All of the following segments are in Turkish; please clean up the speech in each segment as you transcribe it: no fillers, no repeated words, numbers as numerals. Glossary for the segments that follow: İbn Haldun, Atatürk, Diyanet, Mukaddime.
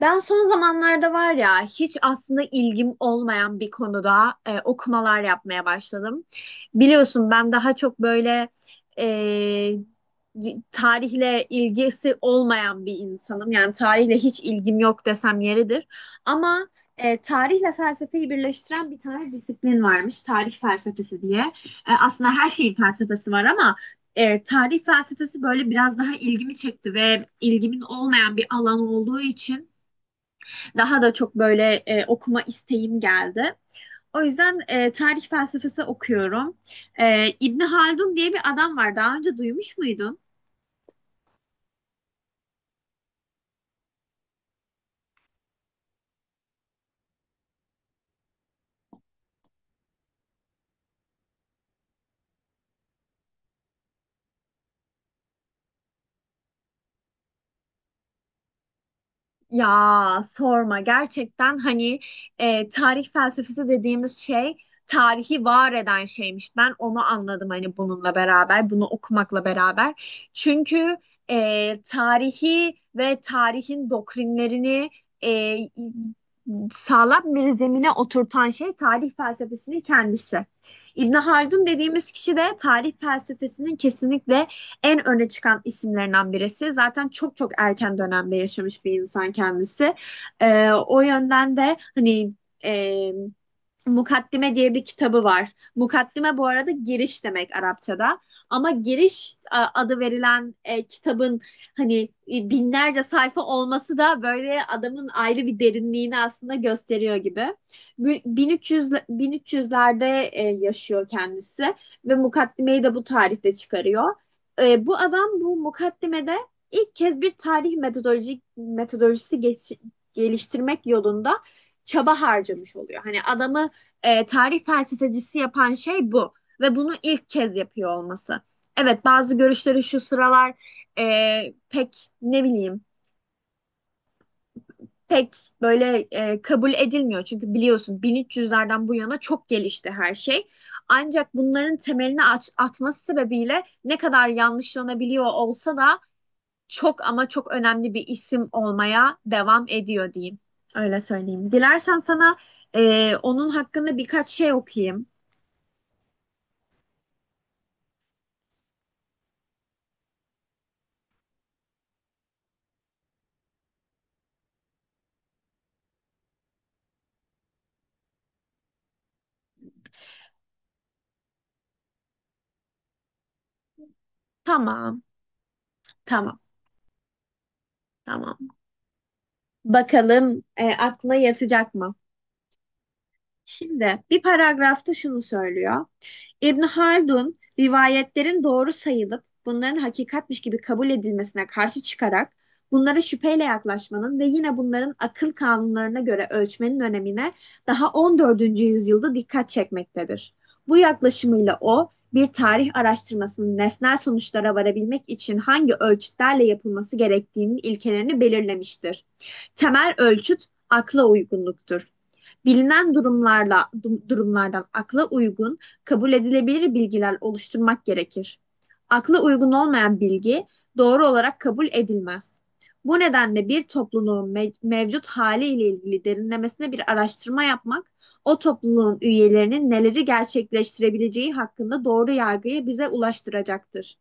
Ben son zamanlarda var ya hiç aslında ilgim olmayan bir konuda okumalar yapmaya başladım. Biliyorsun ben daha çok böyle e, tarihle ilgisi olmayan bir insanım. Yani tarihle hiç ilgim yok desem yeridir. Ama tarihle felsefeyi birleştiren bir tane disiplin varmış. Tarih felsefesi diye. Aslında her şeyin felsefesi var ama tarih felsefesi böyle biraz daha ilgimi çekti ve ilgimin olmayan bir alan olduğu için daha da çok böyle okuma isteğim geldi. O yüzden tarih felsefesi okuyorum. İbni Haldun diye bir adam var. Daha önce duymuş muydun? Ya sorma gerçekten hani tarih felsefesi dediğimiz şey tarihi var eden şeymiş. Ben onu anladım hani bununla beraber, bunu okumakla beraber. Çünkü tarihi ve tarihin doktrinlerini e, sağlam bir zemine oturtan şey tarih felsefesinin kendisi. İbn Haldun dediğimiz kişi de tarih felsefesinin kesinlikle en öne çıkan isimlerinden birisi. Zaten çok çok erken dönemde yaşamış bir insan kendisi. O yönden de hani e, Mukaddime diye bir kitabı var. Mukaddime bu arada giriş demek Arapçada. Ama giriş adı verilen kitabın hani binlerce sayfa olması da böyle adamın ayrı bir derinliğini aslında gösteriyor gibi. 1300'lerde yaşıyor kendisi ve mukaddimeyi de bu tarihte çıkarıyor. Bu adam bu mukaddimede ilk kez bir tarih metodolojisi geliştirmek yolunda çaba harcamış oluyor. Hani adamı tarih felsefecisi yapan şey bu ve bunu ilk kez yapıyor olması. Evet, bazı görüşleri şu sıralar pek ne bileyim, pek böyle kabul edilmiyor. Çünkü biliyorsun 1300'lerden bu yana çok gelişti her şey. Ancak bunların temelini atması sebebiyle ne kadar yanlışlanabiliyor olsa da çok ama çok önemli bir isim olmaya devam ediyor diyeyim. Öyle söyleyeyim. Dilersen sana onun hakkında birkaç şey okuyayım. Tamam. Tamam, tamam. Bakalım aklına yatacak mı? Şimdi bir paragrafta şunu söylüyor. İbn Haldun, rivayetlerin doğru sayılıp bunların hakikatmiş gibi kabul edilmesine karşı çıkarak bunlara şüpheyle yaklaşmanın ve yine bunların akıl kanunlarına göre ölçmenin önemine daha 14. yüzyılda dikkat çekmektedir. Bu yaklaşımıyla o, bir tarih araştırmasının nesnel sonuçlara varabilmek için hangi ölçütlerle yapılması gerektiğinin ilkelerini belirlemiştir. Temel ölçüt akla uygunluktur. Bilinen durumlardan akla uygun, kabul edilebilir bilgiler oluşturmak gerekir. Akla uygun olmayan bilgi doğru olarak kabul edilmez. Bu nedenle bir topluluğun mevcut haliyle ilgili derinlemesine bir araştırma yapmak, o topluluğun üyelerinin neleri gerçekleştirebileceği hakkında doğru yargıyı bize ulaştıracaktır.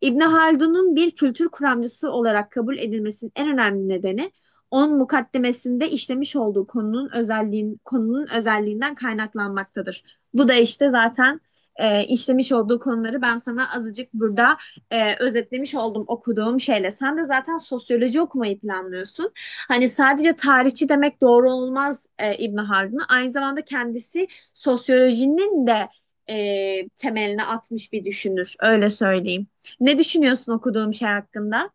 İbn Haldun'un bir kültür kuramcısı olarak kabul edilmesinin en önemli nedeni, onun mukaddemesinde işlemiş olduğu konunun özelliğinden kaynaklanmaktadır. Bu da işte zaten işlemiş olduğu konuları ben sana azıcık burada özetlemiş oldum okuduğum şeyle. Sen de zaten sosyoloji okumayı planlıyorsun. Hani sadece tarihçi demek doğru olmaz İbn Haldun'a. Aynı zamanda kendisi sosyolojinin de temelini atmış bir düşünür. Öyle söyleyeyim. Ne düşünüyorsun okuduğum şey hakkında?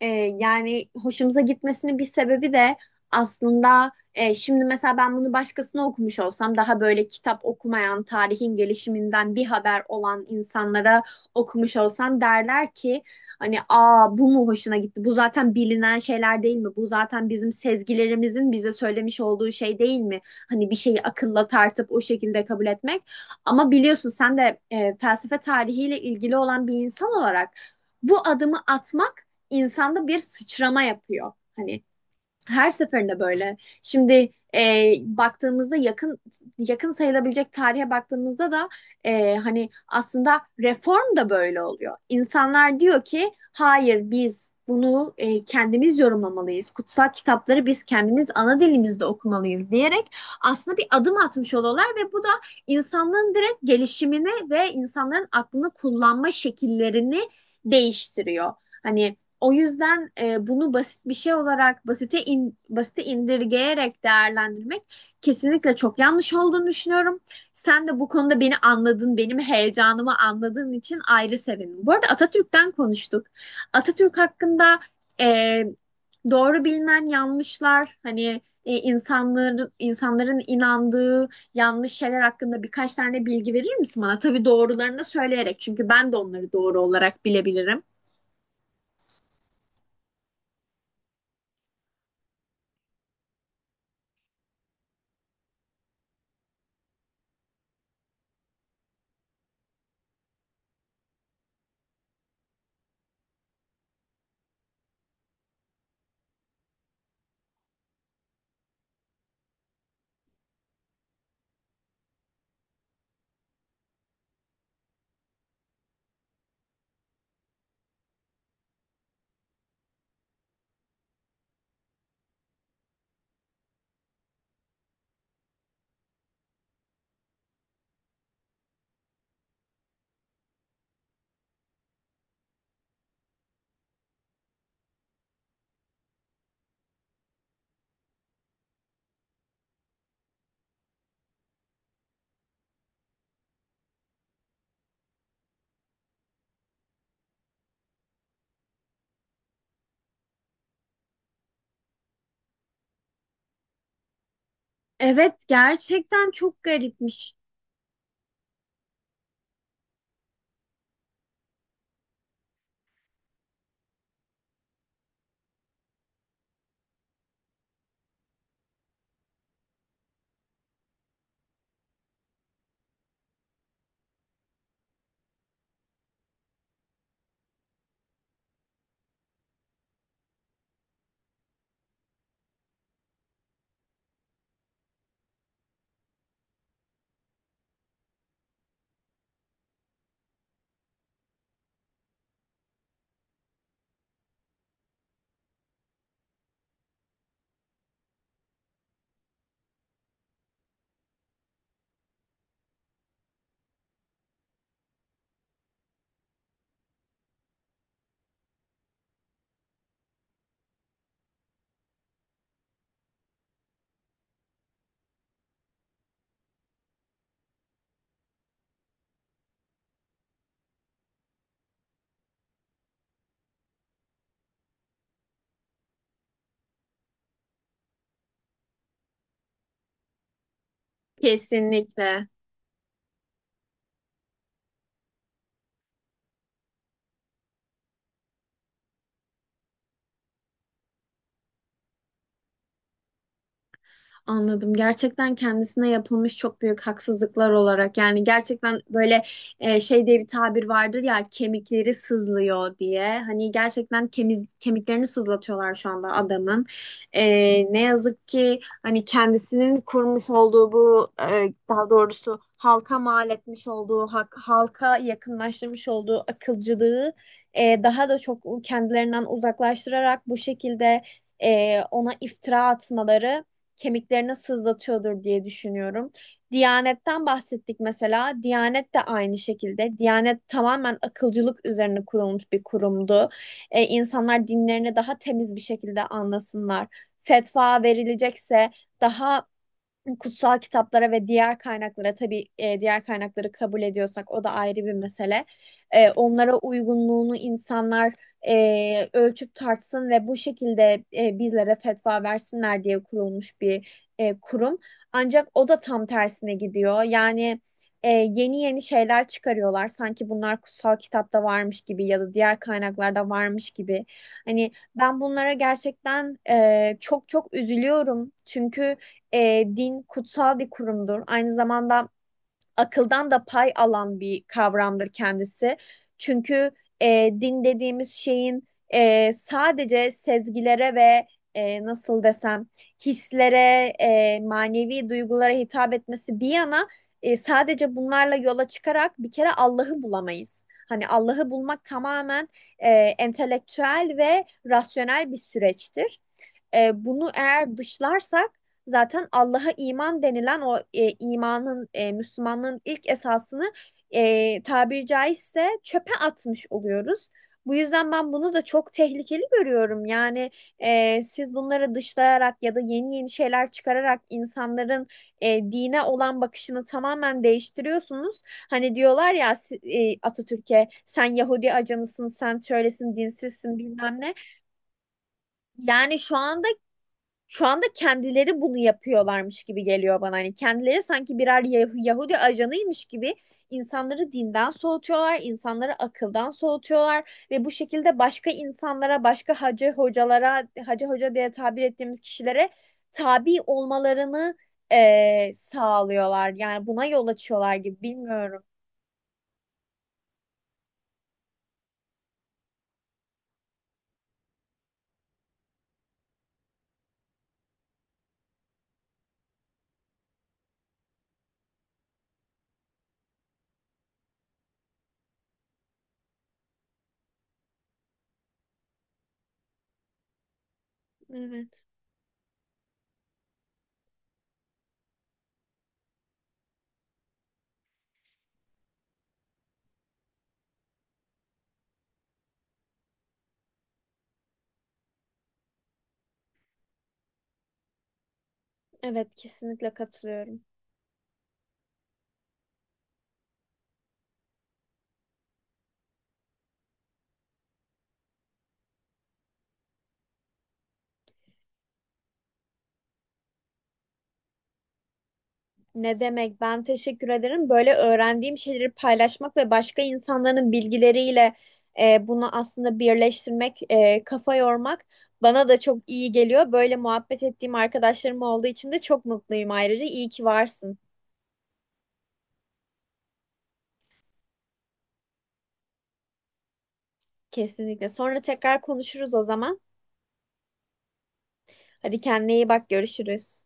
E, Yani hoşumuza gitmesinin bir sebebi de aslında şimdi mesela ben bunu başkasına okumuş olsam, daha böyle kitap okumayan, tarihin gelişiminden bir haber olan insanlara okumuş olsam, derler ki hani, aa, bu mu hoşuna gitti? Bu zaten bilinen şeyler değil mi? Bu zaten bizim sezgilerimizin bize söylemiş olduğu şey değil mi? Hani bir şeyi akılla tartıp o şekilde kabul etmek. Ama biliyorsun sen de felsefe tarihiyle ilgili olan bir insan olarak bu adımı atmak insanda bir sıçrama yapıyor. Hani her seferinde böyle. Şimdi baktığımızda, yakın, yakın sayılabilecek tarihe baktığımızda da hani aslında reform da böyle oluyor. İnsanlar diyor ki hayır, biz bunu kendimiz yorumlamalıyız. Kutsal kitapları biz kendimiz ana dilimizde okumalıyız diyerek aslında bir adım atmış oluyorlar ve bu da insanlığın direkt gelişimini ve insanların aklını kullanma şekillerini değiştiriyor. Hani o yüzden bunu basit bir şey olarak basite indirgeyerek değerlendirmek kesinlikle çok yanlış olduğunu düşünüyorum. Sen de bu konuda beni anladın, benim heyecanımı anladığın için ayrı sevindim. Bu arada Atatürk'ten konuştuk. Atatürk hakkında e, doğru bilinen yanlışlar, hani insanların inandığı yanlış şeyler hakkında birkaç tane bilgi verir misin bana? Tabii doğrularını da söyleyerek, çünkü ben de onları doğru olarak bilebilirim. Evet, gerçekten çok garipmiş, kesinlikle. Anladım. Gerçekten kendisine yapılmış çok büyük haksızlıklar olarak, yani gerçekten böyle şey diye bir tabir vardır ya, kemikleri sızlıyor diye. Hani gerçekten kemiklerini sızlatıyorlar şu anda adamın. E, ne yazık ki hani kendisinin kurmuş olduğu bu daha doğrusu halka mal etmiş olduğu halka yakınlaştırmış olduğu akılcılığı daha da çok kendilerinden uzaklaştırarak bu şekilde ona iftira atmaları kemiklerini sızlatıyordur diye düşünüyorum. Diyanetten bahsettik mesela. Diyanet de aynı şekilde. Diyanet tamamen akılcılık üzerine kurulmuş bir kurumdu. E, insanlar dinlerini daha temiz bir şekilde anlasınlar. Fetva verilecekse daha kutsal kitaplara ve diğer kaynaklara tabii, diğer kaynakları kabul ediyorsak o da ayrı bir mesele. Onlara uygunluğunu insanlar ölçüp tartsın ve bu şekilde bizlere fetva versinler diye kurulmuş bir kurum. Ancak o da tam tersine gidiyor. Yani yeni yeni şeyler çıkarıyorlar. Sanki bunlar kutsal kitapta varmış gibi ya da diğer kaynaklarda varmış gibi. Hani ben bunlara gerçekten çok çok üzülüyorum. Çünkü din kutsal bir kurumdur. Aynı zamanda akıldan da pay alan bir kavramdır kendisi. Çünkü din dediğimiz şeyin sadece sezgilere ve nasıl desem, hislere, manevi duygulara hitap etmesi bir yana, sadece bunlarla yola çıkarak bir kere Allah'ı bulamayız. Hani Allah'ı bulmak tamamen entelektüel ve rasyonel bir süreçtir. Bunu eğer dışlarsak zaten Allah'a iman denilen o imanın, Müslümanlığın ilk esasını tabiri caizse çöpe atmış oluyoruz. Bu yüzden ben bunu da çok tehlikeli görüyorum. Yani siz bunları dışlayarak ya da yeni yeni şeyler çıkararak insanların dine olan bakışını tamamen değiştiriyorsunuz. Hani diyorlar ya, Atatürk'e sen Yahudi ajanısın, sen şöylesin, dinsizsin, bilmem ne. Yani şu anda, kendileri bunu yapıyorlarmış gibi geliyor bana. Hani kendileri sanki birer Yahudi ajanıymış gibi insanları dinden soğutuyorlar, insanları akıldan soğutuyorlar ve bu şekilde başka insanlara, başka hacı hocalara, hacı hoca diye tabir ettiğimiz kişilere tabi olmalarını sağlıyorlar. Yani buna yol açıyorlar gibi, bilmiyorum. Evet, evet, kesinlikle katılıyorum. Ne demek? Ben teşekkür ederim. Böyle öğrendiğim şeyleri paylaşmak ve başka insanların bilgileriyle bunu aslında birleştirmek, kafa yormak bana da çok iyi geliyor. Böyle muhabbet ettiğim arkadaşlarım olduğu için de çok mutluyum ayrıca. İyi ki varsın. Kesinlikle. Sonra tekrar konuşuruz o zaman. Hadi kendine iyi bak. Görüşürüz.